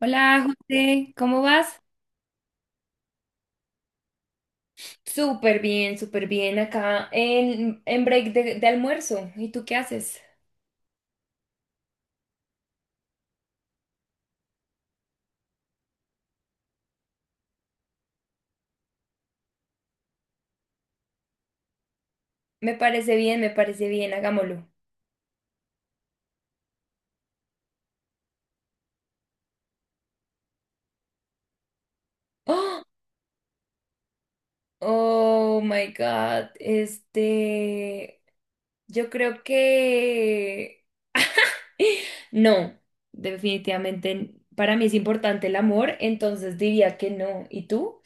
Hola, José, ¿cómo vas? Súper bien acá en break de almuerzo. ¿Y tú qué haces? Me parece bien, hagámoslo. ¡Oh! Oh my God, yo creo que no, definitivamente para mí es importante el amor, entonces diría que no. ¿Y tú?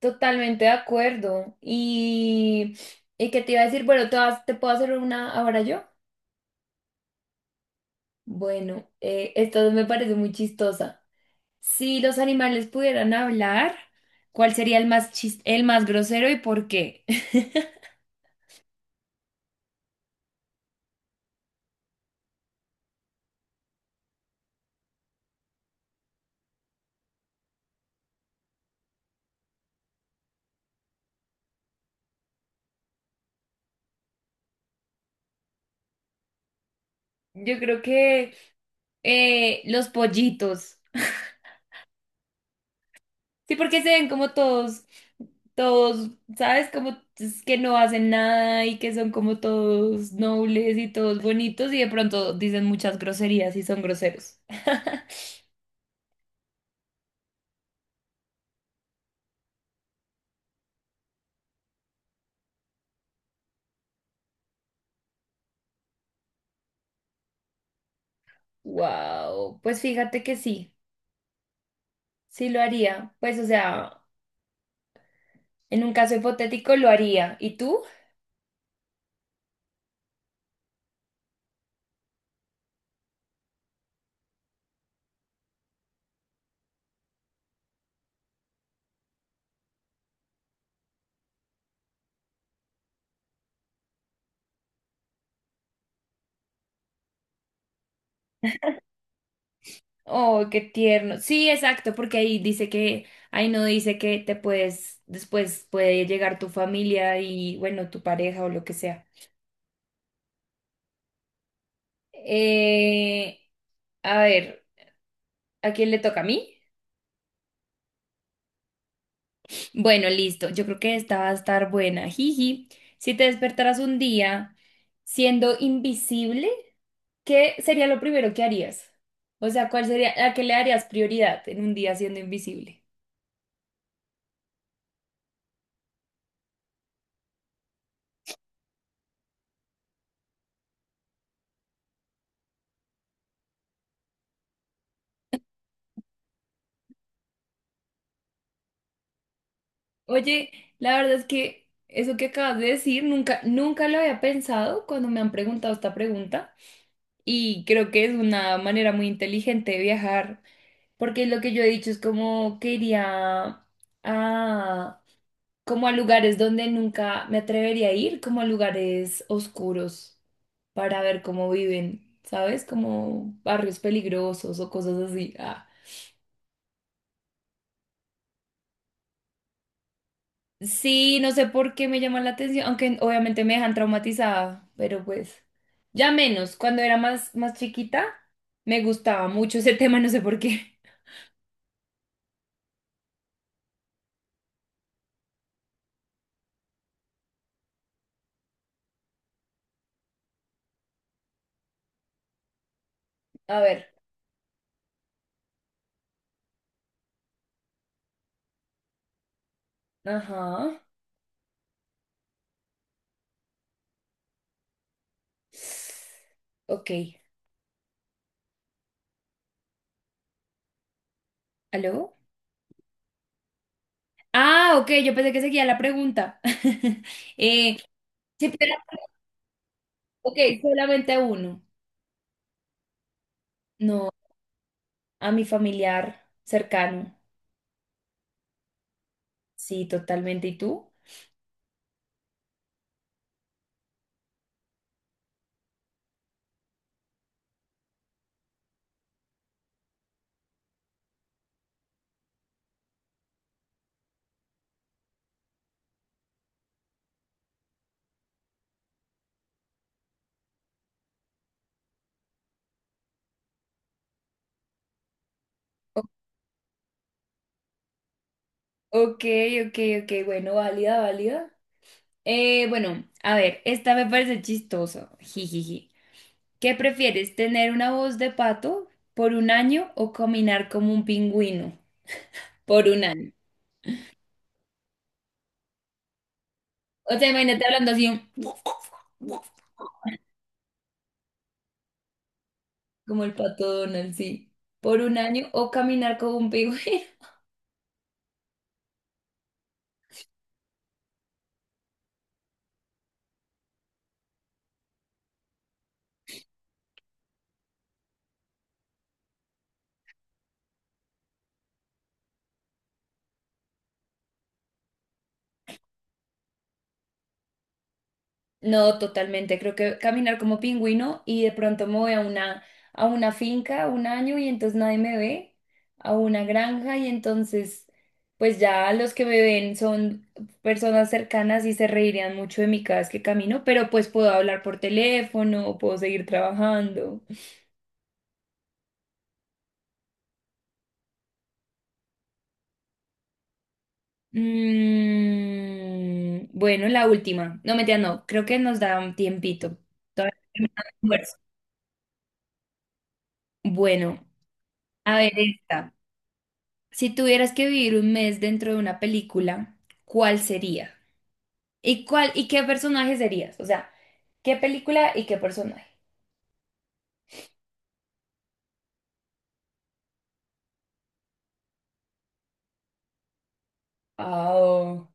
Totalmente de acuerdo. Y qué te iba a decir? Bueno, te puedo hacer una ahora yo. Bueno, esto me parece muy chistosa. Si los animales pudieran hablar, ¿cuál sería el más el más grosero y por qué? Yo creo que los pollitos. Sí, porque se ven como todos, todos, ¿sabes? Como es que no hacen nada y que son como todos nobles y todos bonitos y de pronto dicen muchas groserías y son groseros. Wow, pues fíjate que sí, sí lo haría. Pues o sea. En un caso hipotético lo haría. ¿Y tú? Oh, qué tierno. Sí, exacto, porque ahí dice que, ahí no dice que te puedes, después puede llegar tu familia y, bueno, tu pareja o lo que sea. Eh, a ver, ¿a quién le toca a mí? Bueno, listo. Yo creo que esta va a estar buena. Jiji, si te despertaras un día siendo invisible, ¿qué sería lo primero que harías? O sea, ¿cuál sería, a qué le darías prioridad en un día siendo invisible? Oye, la verdad es que eso que acabas de decir nunca, nunca lo había pensado cuando me han preguntado esta pregunta y creo que es una manera muy inteligente de viajar, porque lo que yo he dicho es como que iría a, como a lugares donde nunca me atrevería a ir, como a lugares oscuros para ver cómo viven, ¿sabes? Como barrios peligrosos o cosas así. Ah, sí, no sé por qué me llama la atención, aunque obviamente me dejan traumatizada, pero pues ya menos. Cuando era más, más chiquita, me gustaba mucho ese tema, no sé por qué. A ver, ajá. Ok, ¿aló? Ah, ok, yo pensé que seguía la pregunta. eh, sí, ok, solamente a uno. No, a mi familiar cercano. Sí, totalmente. ¿Y tú? O- ok, ok, ok, bueno, válida, válida. Bueno, a ver, esta me parece chistoso. Jijiji. ¿Qué prefieres, tener una voz de pato por un año o caminar como un pingüino por un año? O sea, imagínate hablando así, un como el pato Donald, sí, por un año o caminar como un pingüino. No, totalmente. Creo que caminar como pingüino y de pronto me voy a una finca un año y entonces nadie me ve, a una granja y entonces pues ya los que me ven son personas cercanas y se reirían mucho de mí cada vez que camino, pero pues puedo hablar por teléfono, puedo seguir trabajando. Mm, bueno, la última. No, mentira, no. Creo que nos da un tiempito. Todavía no tenemos almuerzo. Bueno, a ver esta. Si tuvieras que vivir un mes dentro de una película, ¿cuál sería? ¿Y cuál y qué personaje serías? O sea, ¿qué película y qué personaje? Oh,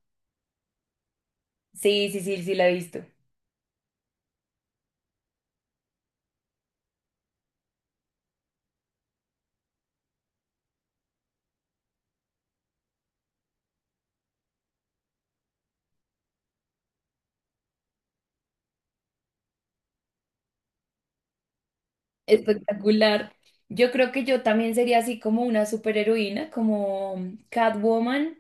sí, sí, sí, sí la he visto. Espectacular. Yo creo que yo también sería así como una superheroína, como Catwoman,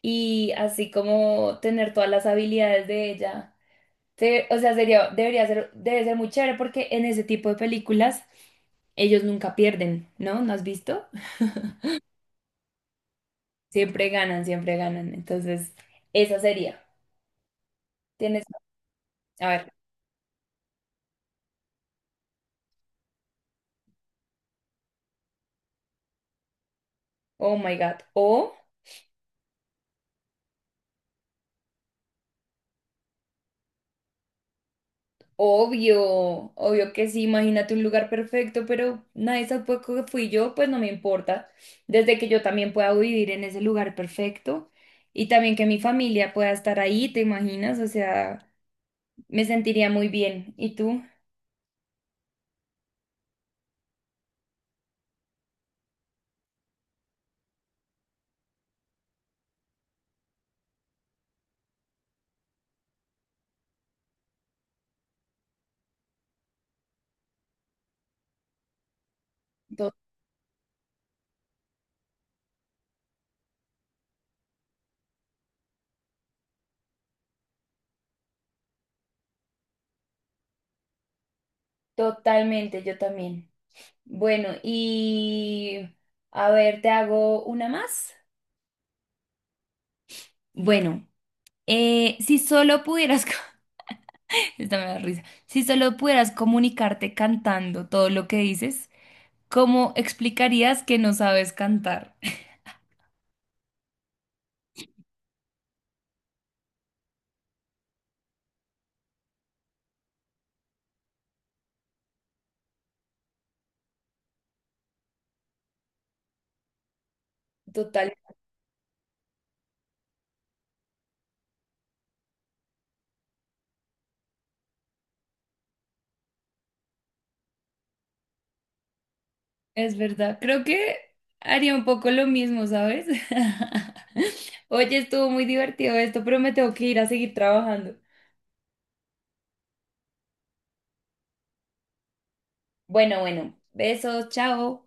y así como tener todas las habilidades de ella. O sea, sería, debería ser, debe ser muy chévere porque en ese tipo de películas ellos nunca pierden, ¿no? ¿No has visto? Siempre ganan, siempre ganan. Entonces, esa sería. Tienes, a ver, oh my God. O, obvio, obvio que sí, imagínate un lugar perfecto, pero nadie supo que fui yo, pues no me importa. Desde que yo también pueda vivir en ese lugar perfecto y también que mi familia pueda estar ahí, ¿te imaginas? O sea, me sentiría muy bien. ¿Y tú? To- totalmente, yo también. Bueno, y a ver, te hago una más. Bueno. Si solo esta me da risa, si solo pudieras comunicarte cantando todo lo que dices, ¿cómo explicarías que no sabes cantar? Total, es verdad. Creo que haría un poco lo mismo, ¿sabes? Oye, estuvo muy divertido esto, pero me tengo que ir a seguir trabajando. Bueno, bueno, besos, chao.